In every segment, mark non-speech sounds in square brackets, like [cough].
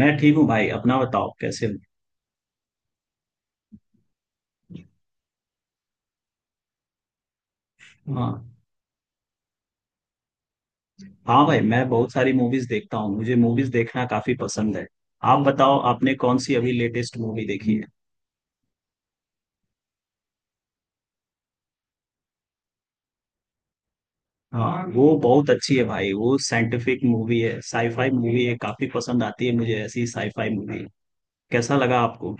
मैं ठीक हूँ भाई। अपना बताओ कैसे हो। हाँ, हाँ भाई, मैं बहुत सारी मूवीज देखता हूँ। मुझे मूवीज देखना काफी पसंद है। आप बताओ, आपने कौन सी अभी लेटेस्ट मूवी देखी है? हाँ, वो बहुत अच्छी है भाई, वो साइंटिफिक मूवी है, साईफाई मूवी है, काफी पसंद आती है मुझे ऐसी साईफाई मूवी। कैसा लगा आपको?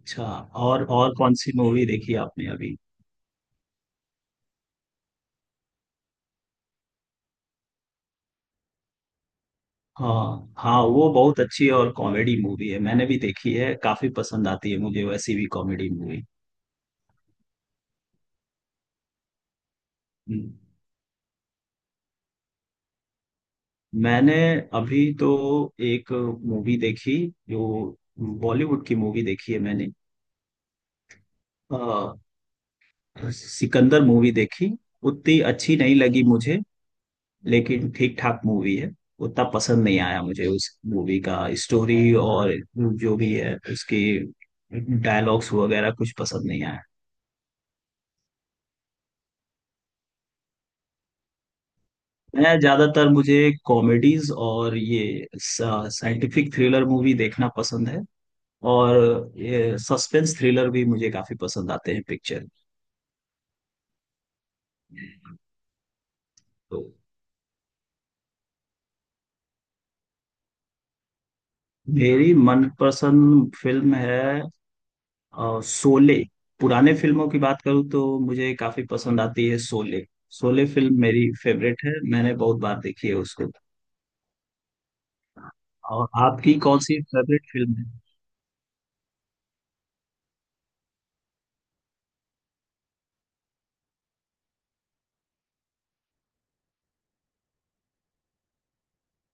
अच्छा। और कौन सी मूवी देखी आपने अभी? हाँ, हाँ, वो बहुत अच्छी और कॉमेडी मूवी है, मैंने भी देखी है, काफी पसंद आती है मुझे वैसी भी कॉमेडी मूवी। मैंने अभी तो एक मूवी देखी, जो बॉलीवुड की मूवी देखी है मैंने। अ, सिकंदर मूवी देखी। उतनी अच्छी नहीं लगी मुझे, लेकिन ठीक ठाक मूवी है। उतना पसंद नहीं आया मुझे उस मूवी का। स्टोरी और जो भी है उसकी, डायलॉग्स वगैरह कुछ पसंद नहीं आया। मैं ज्यादातर, मुझे कॉमेडीज और ये साइंटिफिक थ्रिलर मूवी देखना पसंद है। और ये सस्पेंस थ्रिलर भी मुझे काफी पसंद आते हैं पिक्चर। तो मेरी मनपसंद फिल्म है शोले। पुराने फिल्मों की बात करूँ तो मुझे काफी पसंद आती है शोले। शोले फिल्म मेरी फेवरेट है, मैंने बहुत बार देखी है उसको। और आपकी कौन सी फेवरेट फिल्म है?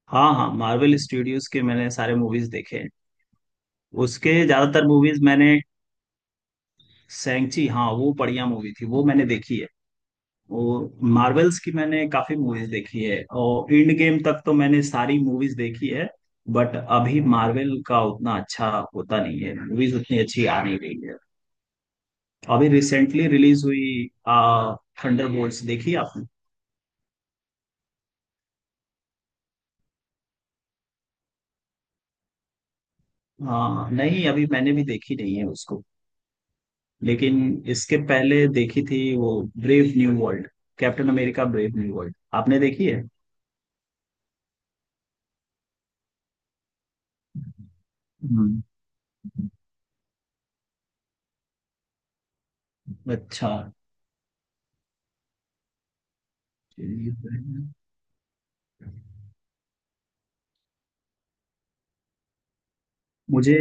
हाँ, हाँ, मार्वल स्टूडियोज के मैंने सारे मूवीज देखे हैं। उसके ज्यादातर मूवीज मैंने, सैंची, हाँ, वो बढ़िया मूवी थी, वो मैंने देखी है। वो मार्वल्स की मैंने काफी मूवीज देखी है, और एंड गेम तक तो मैंने सारी मूवीज देखी है। बट अभी मार्वल का उतना अच्छा होता नहीं है, मूवीज उतनी अच्छी आ नहीं रही है। अभी रिसेंटली रिलीज हुई, थंडरबोल्ट्स देखी आपने? हाँ नहीं, अभी मैंने भी देखी नहीं है उसको। लेकिन इसके पहले देखी थी वो, brave new world, captain America brave new world आपने देखी है? हम्म। अच्छा। मुझे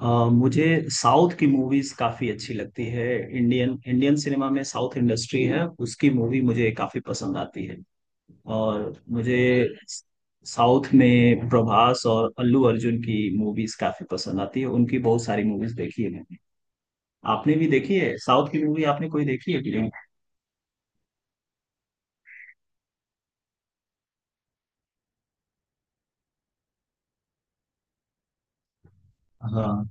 अ, मुझे साउथ की मूवीज काफी अच्छी लगती है। इंडियन इंडियन सिनेमा में साउथ इंडस्ट्री है, उसकी मूवी मुझे काफी पसंद आती है। और मुझे साउथ में प्रभास और अल्लू अर्जुन की मूवीज काफी पसंद आती है, उनकी बहुत सारी मूवीज देखी है मैंने। आपने भी देखी है साउथ की मूवी? आपने कोई देखी है कि नहीं? हाँ,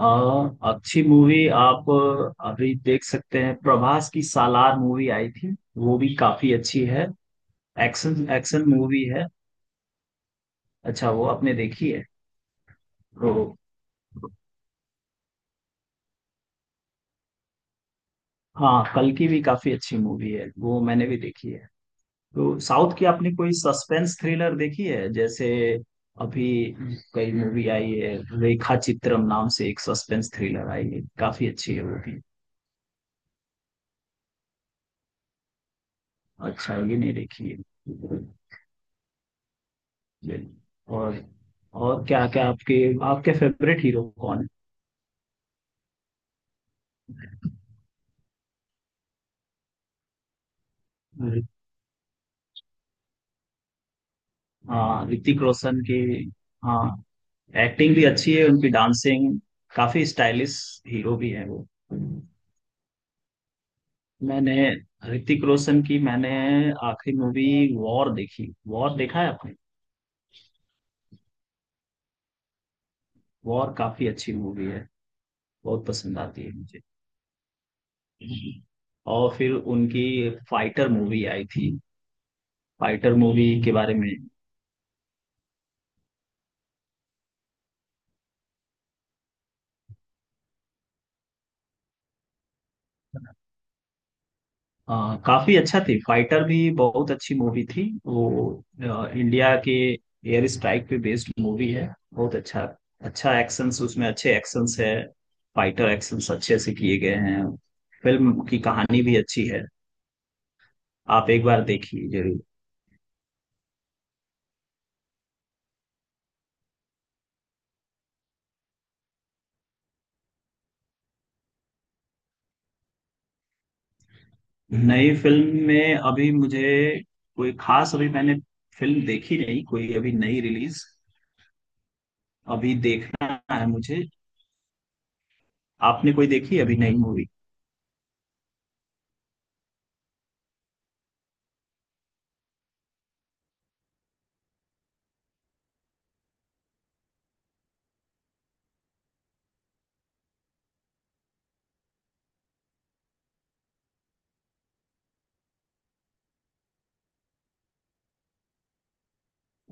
अच्छी मूवी आप अभी देख सकते हैं, प्रभास की सालार मूवी आई थी, वो भी काफी अच्छी है। एक्शन एक्शन मूवी है। अच्छा, वो आपने देखी है। तो हाँ, कल की भी काफी अच्छी मूवी है, वो मैंने भी देखी है। तो साउथ की आपने कोई सस्पेंस थ्रिलर देखी है? जैसे अभी कई मूवी आई है, रेखा चित्रम नाम से एक सस्पेंस थ्रिलर आई है, काफी अच्छी है वो भी। अच्छा, ये नहीं देखी है। चलिए। और और क्या क्या आपके आपके फेवरेट हीरो कौन है? हाँ, ऋतिक रोशन की, हाँ, एक्टिंग भी अच्छी है, उनकी डांसिंग काफी स्टाइलिश। हीरो भी है वो। मैंने ऋतिक रोशन की, मैंने आखिरी मूवी वॉर देखी। वॉर देखा है आपने? वॉर काफी अच्छी मूवी है, बहुत पसंद आती है मुझे। और फिर उनकी फाइटर मूवी आई थी। फाइटर मूवी के बारे में, काफी अच्छा थी। फाइटर भी बहुत अच्छी मूवी थी वो, इंडिया के एयर स्ट्राइक पे बेस्ड मूवी है। बहुत अच्छा। अच्छा एक्शंस, उसमें अच्छे एक्शंस है। फाइटर एक्शंस अच्छे से किए गए हैं। फिल्म की कहानी भी अच्छी है। आप एक बार देखिए जरूर। नई फिल्म में अभी मुझे, कोई खास अभी मैंने फिल्म देखी नहीं कोई अभी नई रिलीज। अभी देखना है मुझे। आपने कोई देखी है अभी नई मूवी?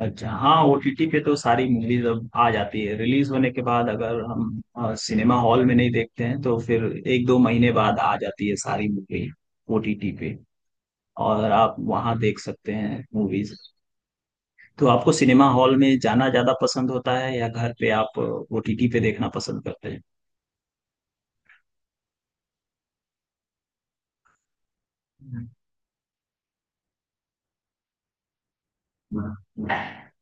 अच्छा, हाँ, ओटीटी पे तो सारी मूवीज अब आ जाती है रिलीज होने के बाद, अगर हम सिनेमा हॉल में नहीं देखते हैं तो फिर एक दो महीने बाद आ जाती है सारी मूवी ओटीटी पे। और आप वहाँ देख सकते हैं मूवीज। तो आपको सिनेमा हॉल में जाना ज्यादा पसंद होता है, या घर पे आप ओटीटी पे देखना पसंद करते हैं?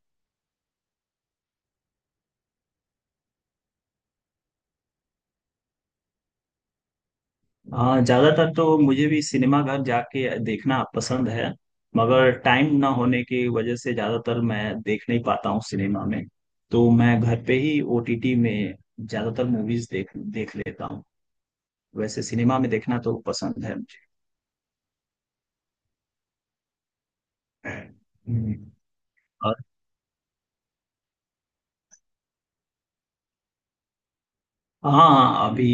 हाँ, ज्यादातर तो मुझे भी सिनेमा घर जाके देखना पसंद है, मगर टाइम ना होने की वजह से ज्यादातर मैं देख नहीं पाता हूँ सिनेमा में। तो मैं घर पे ही ओटीटी में ज्यादातर मूवीज देख देख लेता हूँ। वैसे सिनेमा में देखना तो पसंद है मुझे। हम्म। और हाँ, अभी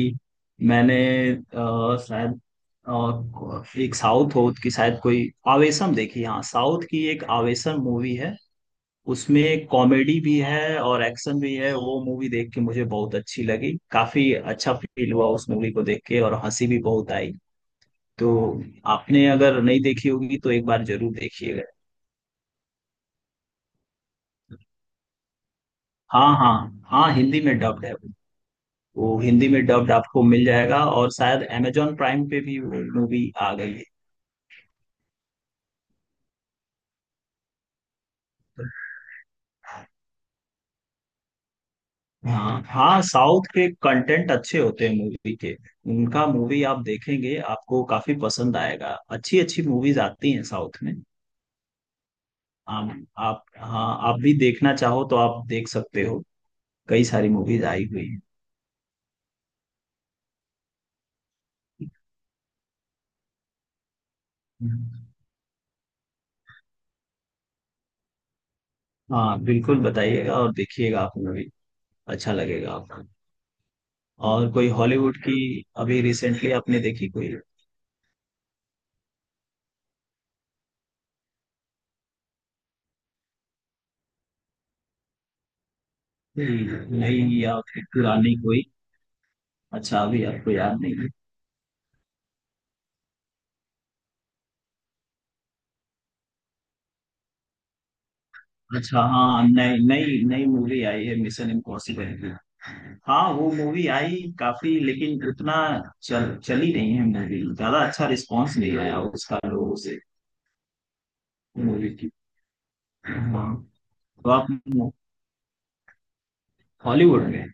मैंने शायद, एक साउथ हो की शायद कोई आवेशम देखी, हाँ साउथ की एक आवेशम मूवी है। उसमें कॉमेडी भी है और एक्शन भी है। वो मूवी देख के मुझे बहुत अच्छी लगी, काफी अच्छा फील हुआ उस मूवी को देख के, और हंसी भी बहुत आई। तो आपने अगर नहीं देखी होगी तो एक बार जरूर देखिएगा। हाँ, हाँ। हाँ, हिंदी में डब्ड है वो। वो हिंदी में डब्ड आपको मिल जाएगा, और शायद अमेजोन प्राइम पे भी मूवी आ गई है। हाँ, हाँ, साउथ के कंटेंट अच्छे होते हैं मूवी के। उनका मूवी आप देखेंगे, आपको काफी पसंद आएगा। अच्छी अच्छी मूवीज आती हैं साउथ में। आप आप हाँ, आप भी देखना चाहो तो आप देख सकते हो, कई सारी मूवीज आई हुई हैं। हाँ बिल्कुल, बताइएगा और देखिएगा आप मूवी। अच्छा लगेगा आपको। और कोई हॉलीवुड की अभी रिसेंटली आपने देखी कोई? कोई नई या फिर पुरानी कोई? अच्छा, अभी आपको याद नहीं है। अच्छा, हाँ, नई नई नई मूवी आई है मिशन इम्पॉसिबल की। हाँ, वो मूवी आई काफी, लेकिन उतना चल चली नहीं है मूवी, ज्यादा अच्छा रिस्पांस नहीं आया उसका लोगों से मूवी। हाँ, तो आप हॉलीवुड में?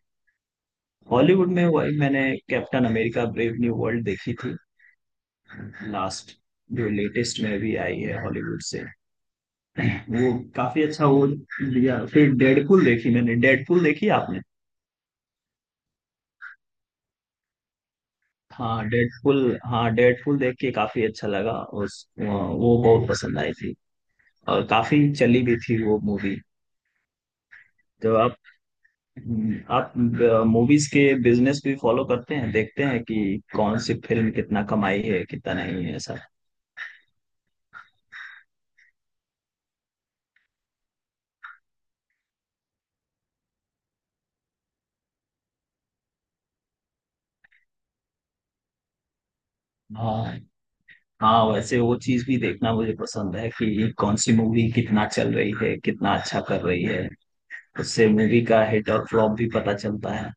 हॉलीवुड में वही मैंने Captain America brave new World देखी थी लास्ट, जो लेटेस्ट में भी आई है हॉलीवुड से। वो काफी अच्छा। वो दिया, फिर डेडपुल देखी मैंने। डेडपुल देखी आपने? हाँ, डेडपुल, हाँ, डेडपुल देख के काफी अच्छा लगा। उस, वो बहुत पसंद आई थी, और काफी चली भी थी वो मूवी। तो आप मूवीज के बिजनेस भी फॉलो करते हैं, देखते हैं कि कौन सी फिल्म कितना कमाई है कितना नहीं है, ऐसा? हाँ, हाँ, वैसे वो चीज भी देखना मुझे पसंद है कि कौन सी मूवी कितना चल रही है, कितना अच्छा कर रही है। उससे मूवी का हिट और फ्लॉप भी पता चलता है।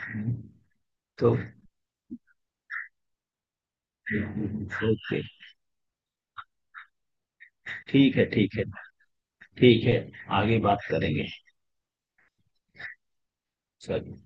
हम्म, तो [laughs] ओके। ठीक है, ठीक है, ठीक है, आगे बात करेंगे। चलो।